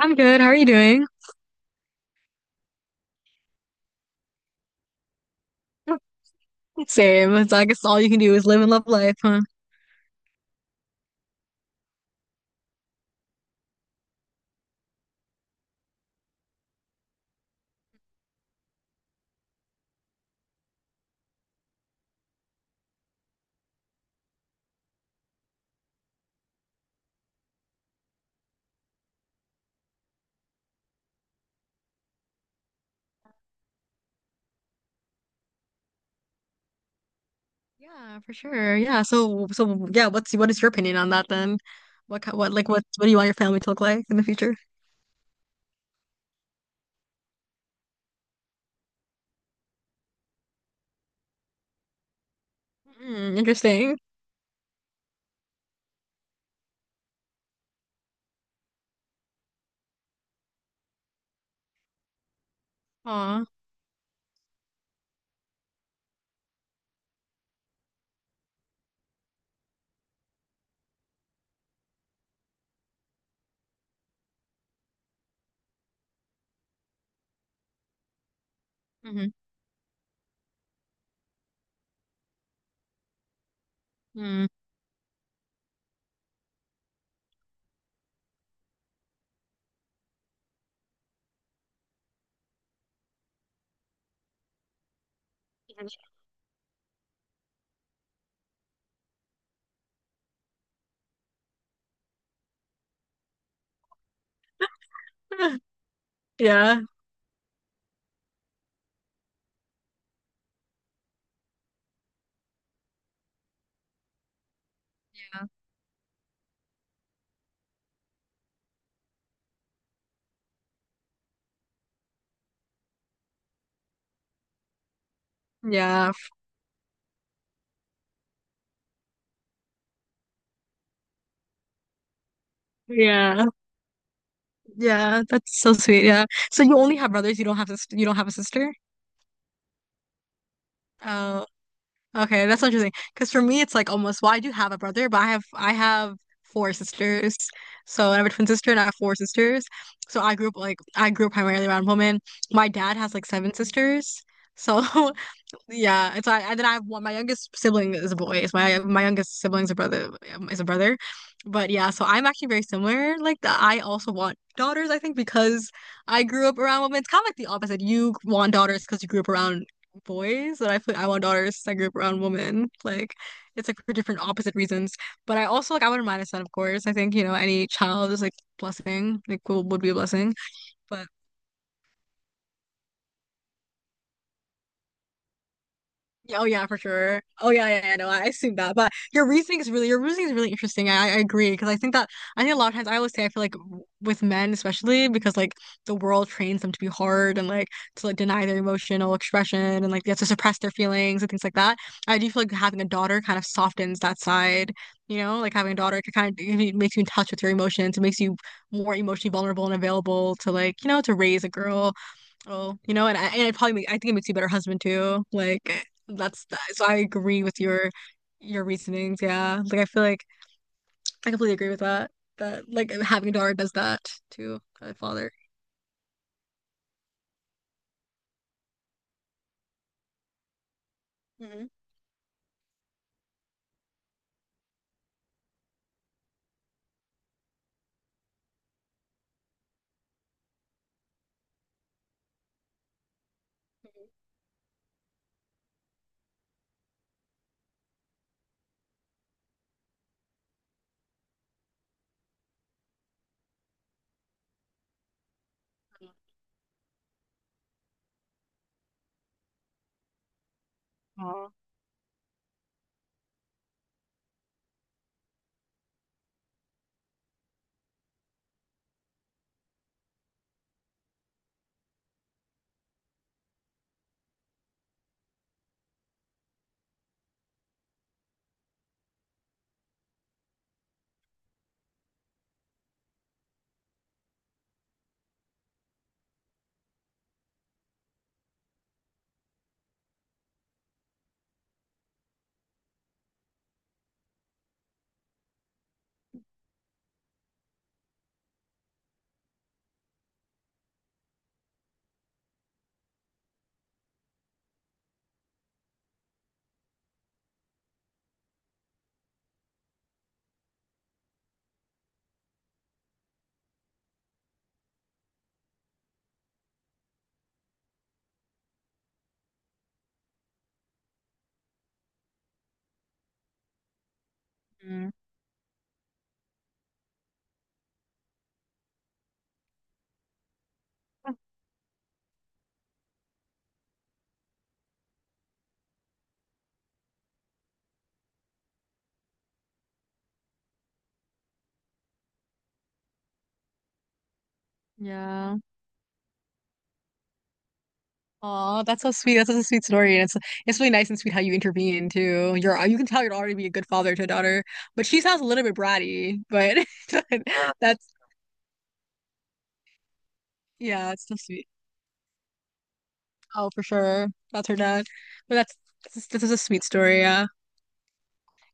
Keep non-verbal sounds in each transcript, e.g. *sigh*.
I'm good. How are you doing? *laughs* Same. It's I guess all you can do is live and love life, huh? Yeah, for sure. Yeah. So yeah. What is your opinion on that then? What ki- what like what do you want your family to look like in the future? Mm, interesting. Aw. Mm-hmm. Mm. *laughs* Yeah. Yeah. Yeah. Yeah. That's so sweet. Yeah. So you only have brothers. You don't have a sister. Okay, that's interesting. Because for me, it's like almost, well, I do have a brother, but I have four sisters. So I have a twin sister and I have four sisters. So I grew up primarily around women. My dad has like seven sisters. So *laughs* Yeah, it's I and then I have one. My youngest sibling is a boy. It's My youngest sibling's a brother, but yeah. So I'm actually very similar. Like that, I also want daughters. I think because I grew up around women. It's kind of like the opposite. You want daughters because you grew up around boys, and I feel I want daughters, 'cause I grew up around women. Like it's like for different opposite reasons. But I also like I wouldn't mind a son, of course. I think you know any child is like blessing. Like would be a blessing. But yeah, oh yeah, for sure. Oh yeah, yeah, yeah. No, I assume that. But your reasoning is really interesting. I agree because I think that I think a lot of times I always say I feel like with men especially because like the world trains them to be hard and like to deny their emotional expression and like they have to suppress their feelings and things like that. I do feel like having a daughter kind of softens that side. You know, like having a daughter it kind of it makes you in touch with your emotions. It makes you more emotionally vulnerable and available to like to raise a girl. Oh, you know, and I think it makes you a better husband too. So I agree with your reasonings. Yeah, like I feel like I completely agree with that. That like having a daughter does that too. A father. Hmm. Oh, mm, yeah. Aw, that's so sweet. That's such a sweet story, and it's really nice and sweet how you intervene too. You can tell you're already be a good father to a daughter, but she sounds a little bit bratty. But *laughs* that's yeah, it's so sweet. Oh, for sure, that's her dad. But that's This is a sweet story. Yeah.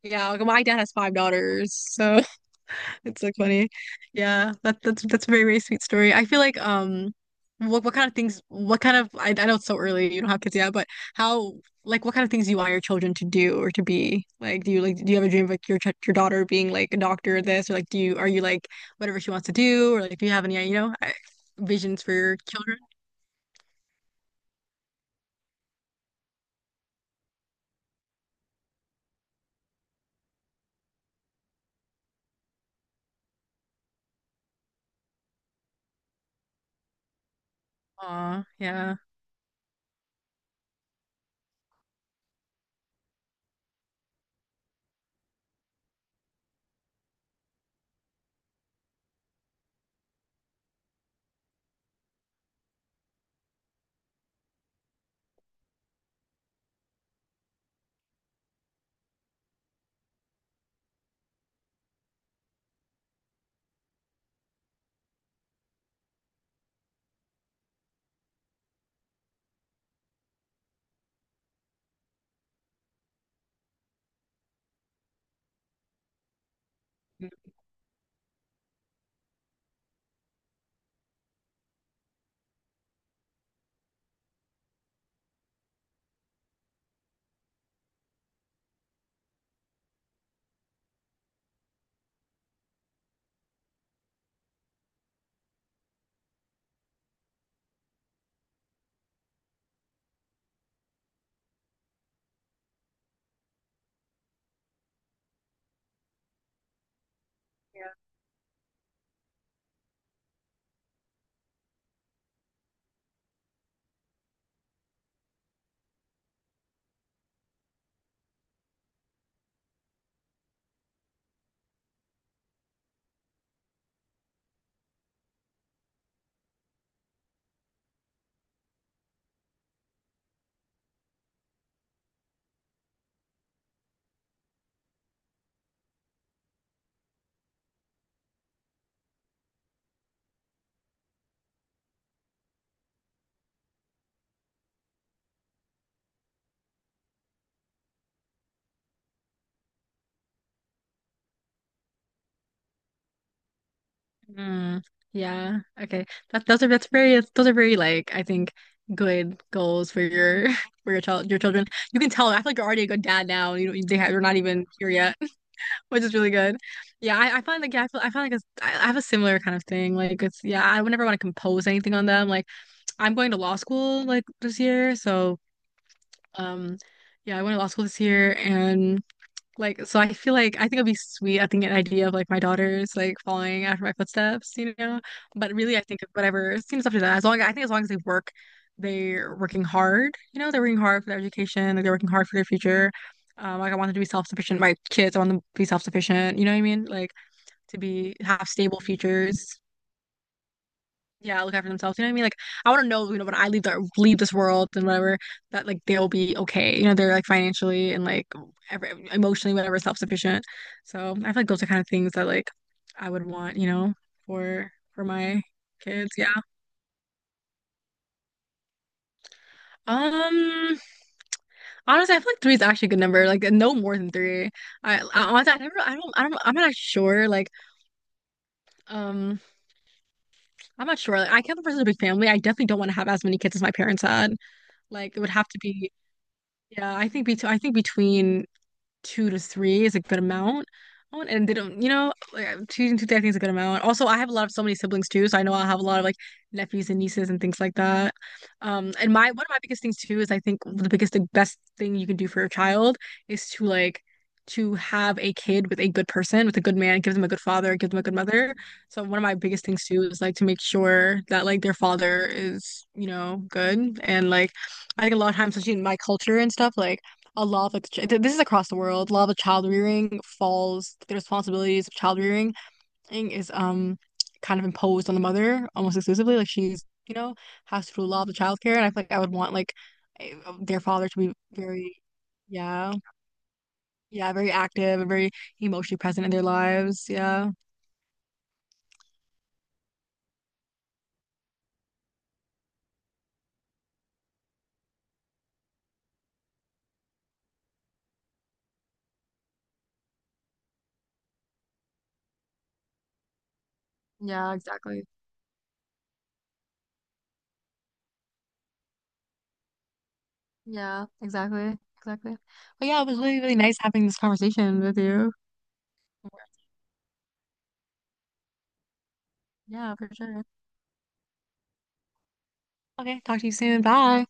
Yeah, like, my dad has five daughters, so *laughs* it's like funny. Yeah, that's a very, very sweet story. I feel like what kind of things what kind of I know it's so early, you don't have kids yet, but how like what kind of things do you want your children to do or to be? Like do you have a dream of like your daughter being like a doctor or this, or like do you are you like whatever she wants to do, or like do you have any you know visions for your children? Aw, yeah. Mm, yeah. Okay. That those are that's very those are very like I think, good goals for your *laughs* for your child your children. You can tell I feel like you're already a good dad now. You don't they have, you're not even here yet, *laughs* which is really good. Yeah, I find like yeah, I feel I find like I have a similar kind of thing. Like it's yeah, I would never want to compose anything on them. Like I'm going to law school like this year, so um yeah, I went to law school this year. And. So I feel like I think it'd be sweet. I think an idea of like my daughters like following after my footsteps, you know. But really, I think whatever seems after that. As long as they work, they're working hard. You know, they're working hard for their education. Like they're working hard for their future. Like I want them to be self-sufficient. My kids, I want them to be self-sufficient. You know what I mean? Like to be have stable futures, yeah, look after themselves. You know what I mean? Like I want to know, you know, when I leave the leave this world and whatever, that like they'll be okay. You know, they're like financially and like every, emotionally, whatever, self-sufficient. So I feel like those are kind of things that like I would want, you know, for my kids. Yeah. Um. Honestly, I feel like three is actually a good number. Like no more than three. I honestly, I never, I'm not sure. Like, um, I'm not sure. Like, I can't be a person with a big family. I definitely don't want to have as many kids as my parents had. Like, it would have to be. Yeah, I think between two to three is a good amount. I And they don't, you know, like I choosing two to I think is a good amount. Also, I have a lot of so many siblings too, so I know I'll have a lot of like nephews and nieces and things like that. And my one of my biggest things too is I think the best thing you can do for your child is to like to have a kid with a good person, with a good man, give them a good father, give them a good mother. So one of my biggest things too is like to make sure that like their father is, you know, good and like I think a lot of times, especially in my culture and stuff, like a lot of this is across the world. A lot of child rearing falls, the responsibilities of child rearing thing is kind of imposed on the mother almost exclusively. Like she's, you know, has to do a lot of the childcare, and I feel like I would want like a- their father to be very, yeah, yeah, very active and very emotionally present in their lives. Yeah, yeah, exactly. Yeah, exactly, exactly. But yeah, it was really, really nice having this conversation with you. Yeah, for sure. Okay, talk to you soon. Bye.